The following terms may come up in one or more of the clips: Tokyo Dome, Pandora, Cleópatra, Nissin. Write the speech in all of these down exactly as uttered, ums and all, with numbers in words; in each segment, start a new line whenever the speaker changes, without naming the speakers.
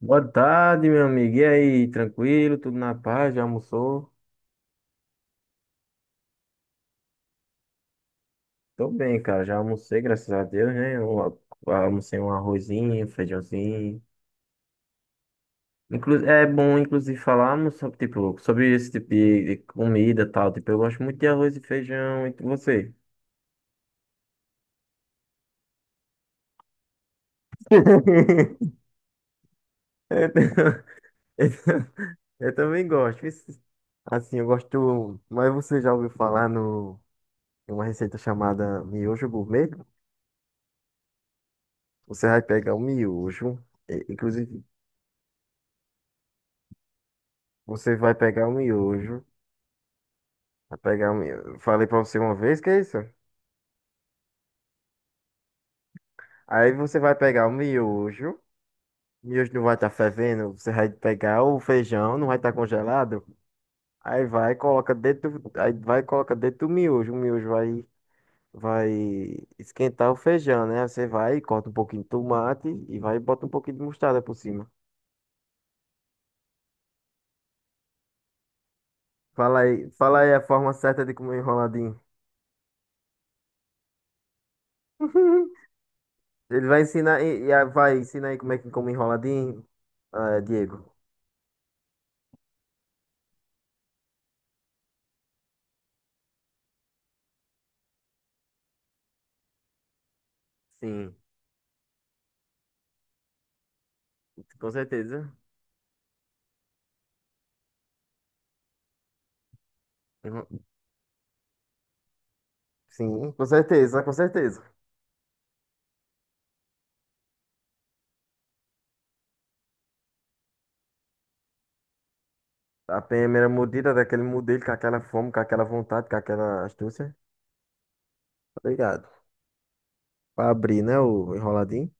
Boa tarde, meu amigo. E aí, tranquilo? Tudo na paz? Já almoçou? Tô bem, cara. Já almocei, graças a Deus, né? Eu a- almocei um arrozinho, um feijãozinho. Inclu é bom, inclusive, falarmos sobre, tipo, sobre esse tipo de de comida e tal. Tipo, eu gosto muito de arroz e feijão. E você? Eu, tam- eu tam- eu também gosto. Isso- Assim, eu gosto. Mas você já ouviu falar no em uma receita chamada miojo gourmet? Você vai pegar o miojo, eh, inclusive. Você vai pegar o miojo. Vai pegar o miojo. Falei pra você uma vez que é isso? Aí você vai pegar o miojo. O miojo não vai estar fervendo. Você vai pegar o feijão, não vai estar congelado. Aí vai, coloca dentro. Aí vai, coloca dentro do miojo. O miojo vai, vai esquentar o feijão, né? Aí você vai, corta um pouquinho de tomate e vai e bota um pouquinho de mostarda por cima. Fala aí, fala aí a forma certa de comer enroladinho. Ele vai ensinar, e, e a- vai ensinar aí como é que come enroladinho, ah, Diego. Sim, com certeza. Uhum. Sim, com certeza, com certeza. A primeira mordida daquele modelo com aquela fome, com aquela vontade, com aquela astúcia. Obrigado. Pra abrir, né, o enroladinho.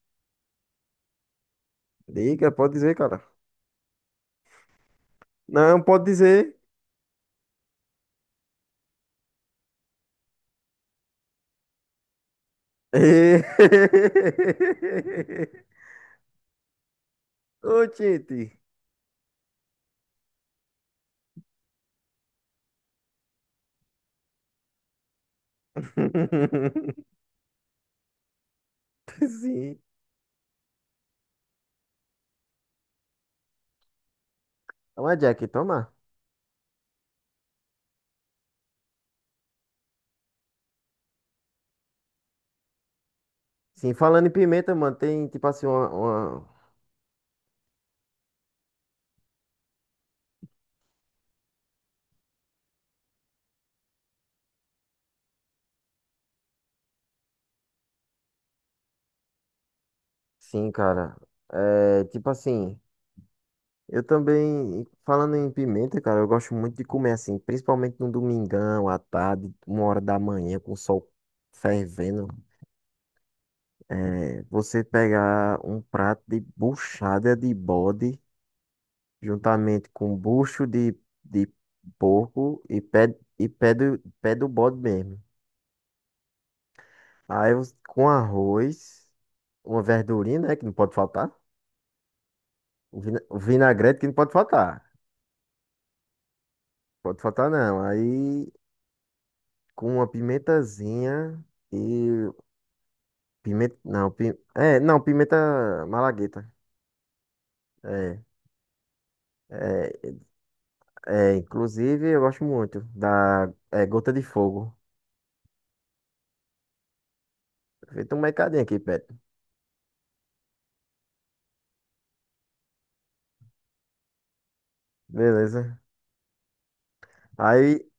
Liga, pode dizer, cara. Não, pode dizer. Ô, gente. Sim. Toma, Jack, toma. Sim, falando em pimenta, mano, tem tipo assim uma, uma-. Sim, cara. É, tipo assim. Eu também, falando em pimenta, cara, eu gosto muito de comer assim, principalmente no domingão, à tarde, uma hora da manhã, com o sol fervendo. É, você pegar um prato de buchada de bode, juntamente com bucho de, de porco e pé, e pé do, pé do bode mesmo. Aí você- com arroz, uma verdurinha, né, que não pode faltar. O vina- o vinagrete que não pode faltar. Pode faltar não. Aí com uma pimentazinha e pimenta, não, pi- é, não, pimenta malagueta. É, é, é, inclusive eu gosto muito da é, gota de fogo. Feito um mercadinho aqui, perto. Beleza. Aí,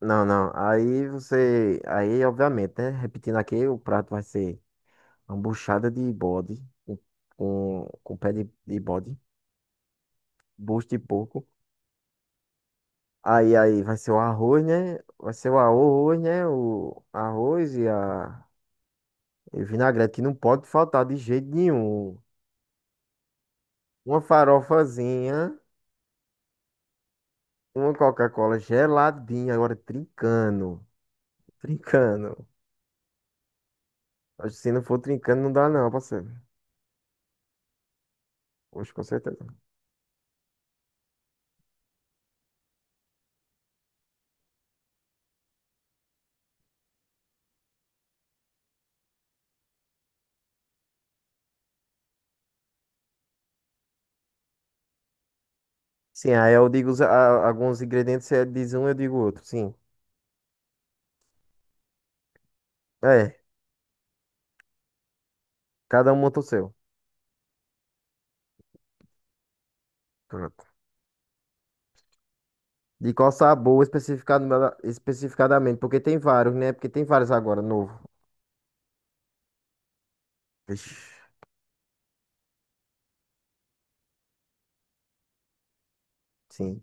não, não. Aí você, aí obviamente, né? Repetindo aqui, o prato vai ser uma buchada de bode com, com com pé de, de bode, bucho de porco. Aí, aí vai ser o arroz, né? Vai ser o arroz, né? O arroz e a e vinagrete que não pode faltar de jeito nenhum. Uma farofazinha, uma Coca-Cola geladinha, agora trincando. Trincando. Acho que se não for trincando, não dá não, parceiro. Hoje com certeza. Sim, aí eu digo os- a- alguns ingredientes, você diz um, eu digo outro. Sim. É, cada um monta o seu. Pronto. De qual sabor especificado especificadamente? Porque tem vários, né? Porque tem vários agora, novo. Ixi. Sim,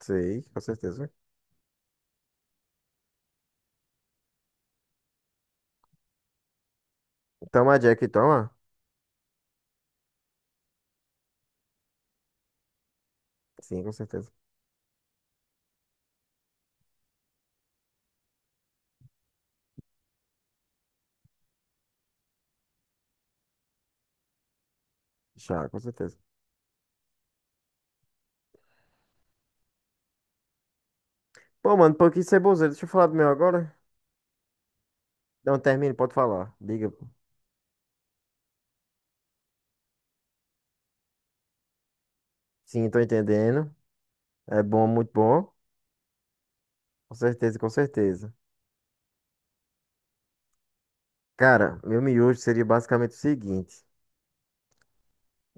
sei, com certeza. Toma Jack, toma. Sim, com certeza. Já, com certeza. Pô, mano, pô, que ceboseiro. Deixa eu falar do meu agora. Não, termine, pode falar. Diga. Sim, tô entendendo. É bom, muito bom. Com certeza, com certeza. Cara, meu miojo seria basicamente o seguinte.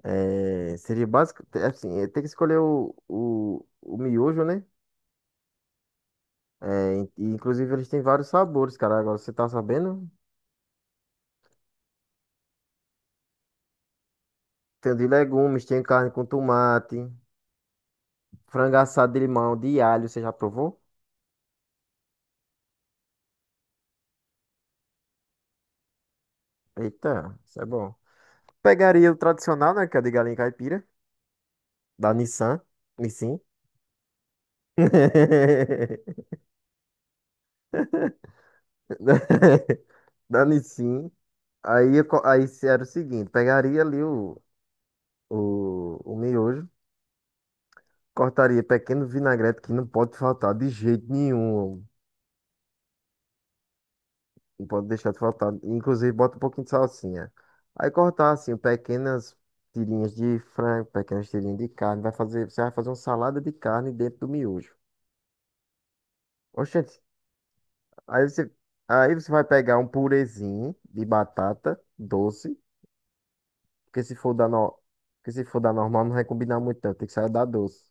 É, seria básico, assim, é, tem que escolher o, o, o miojo, né? É, in- e, inclusive eles têm vários sabores, cara. Agora você tá sabendo? Tem o de legumes, tem carne com tomate, frango assado de limão, de alho, você já provou? Eita, isso é bom. Pegaria o tradicional, né? Que é o de galinha caipira. Da Nissan. Nissin. Da da Nissin. Aí, eu co- aí se era o seguinte: pegaria ali o, o, o miojo, cortaria pequeno vinagrete que não pode faltar de jeito nenhum. Não pode deixar de faltar. Inclusive, bota um pouquinho de salsinha. Aí cortar assim, pequenas tirinhas de frango, pequenas tirinhas de carne. Vai fazer, você vai fazer uma salada de carne dentro do miojo. Oxente, aí você, aí você vai pegar um purezinho de batata doce. Porque se for da, no... Porque se for da normal, não vai combinar muito, não. Tem que sair da doce.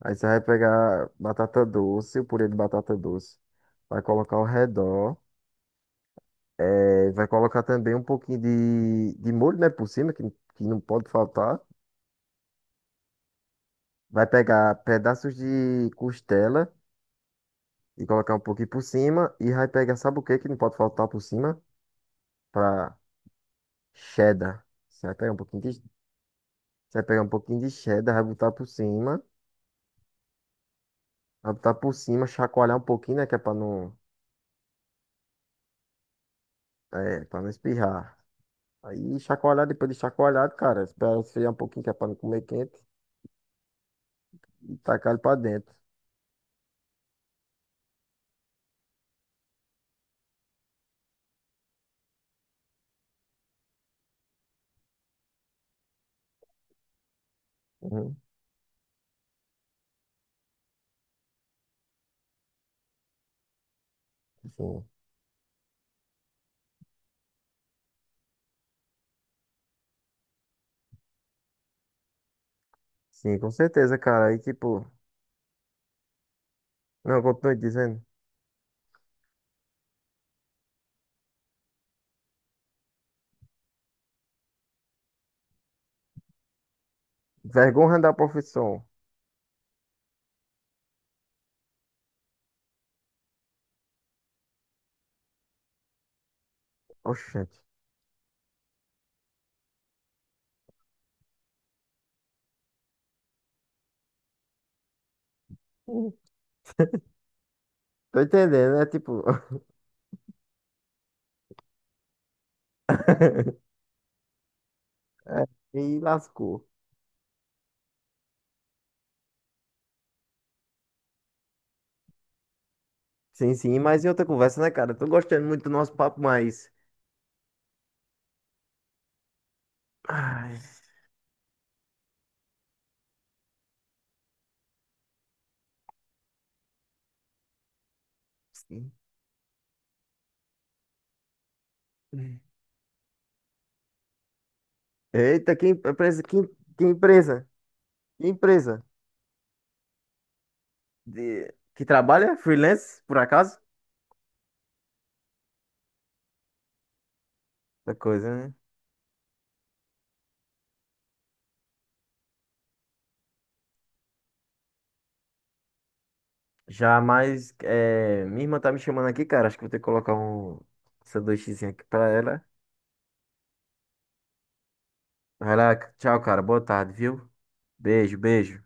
Aí você vai pegar batata doce, o purê de batata doce. Vai colocar ao redor. É, vai colocar também um pouquinho de, de molho, né, por cima, que, que não pode faltar. Vai pegar pedaços de costela e colocar um pouquinho por cima. E vai pegar, sabe o que que não pode faltar por cima? Pra cheddar. Você vai pegar um pouquinho de, você vai pegar um pouquinho de cheddar, vai botar por cima. Vai botar por cima, chacoalhar um pouquinho, né, que é pra não. É, pra não espirrar. Aí chacoalhar, depois de chacoalhado, cara, espera esfriar um pouquinho, que é pra não comer quente, e tacar ele pra dentro. Uhum. Sim. Sim, com certeza, cara. Aí, tipo, não, continue dizendo. Vergonha da profissão. Oxente. Hum, Tô entendendo, né? Tipo, é, e lascou. Sim, sim, mas em outra conversa, né, cara? Tô gostando muito do nosso papo, mas. Ai, sim. Eita, que empresa, que, que empresa? Que empresa? De... Que trabalha? Freelance, por acaso? Da coisa, né? Já mais. É, minha irmã tá me chamando aqui, cara. Acho que vou ter que colocar um sanduíchezinho aqui pra ela. Vai lá, tchau, cara. Boa tarde, viu? Beijo, beijo.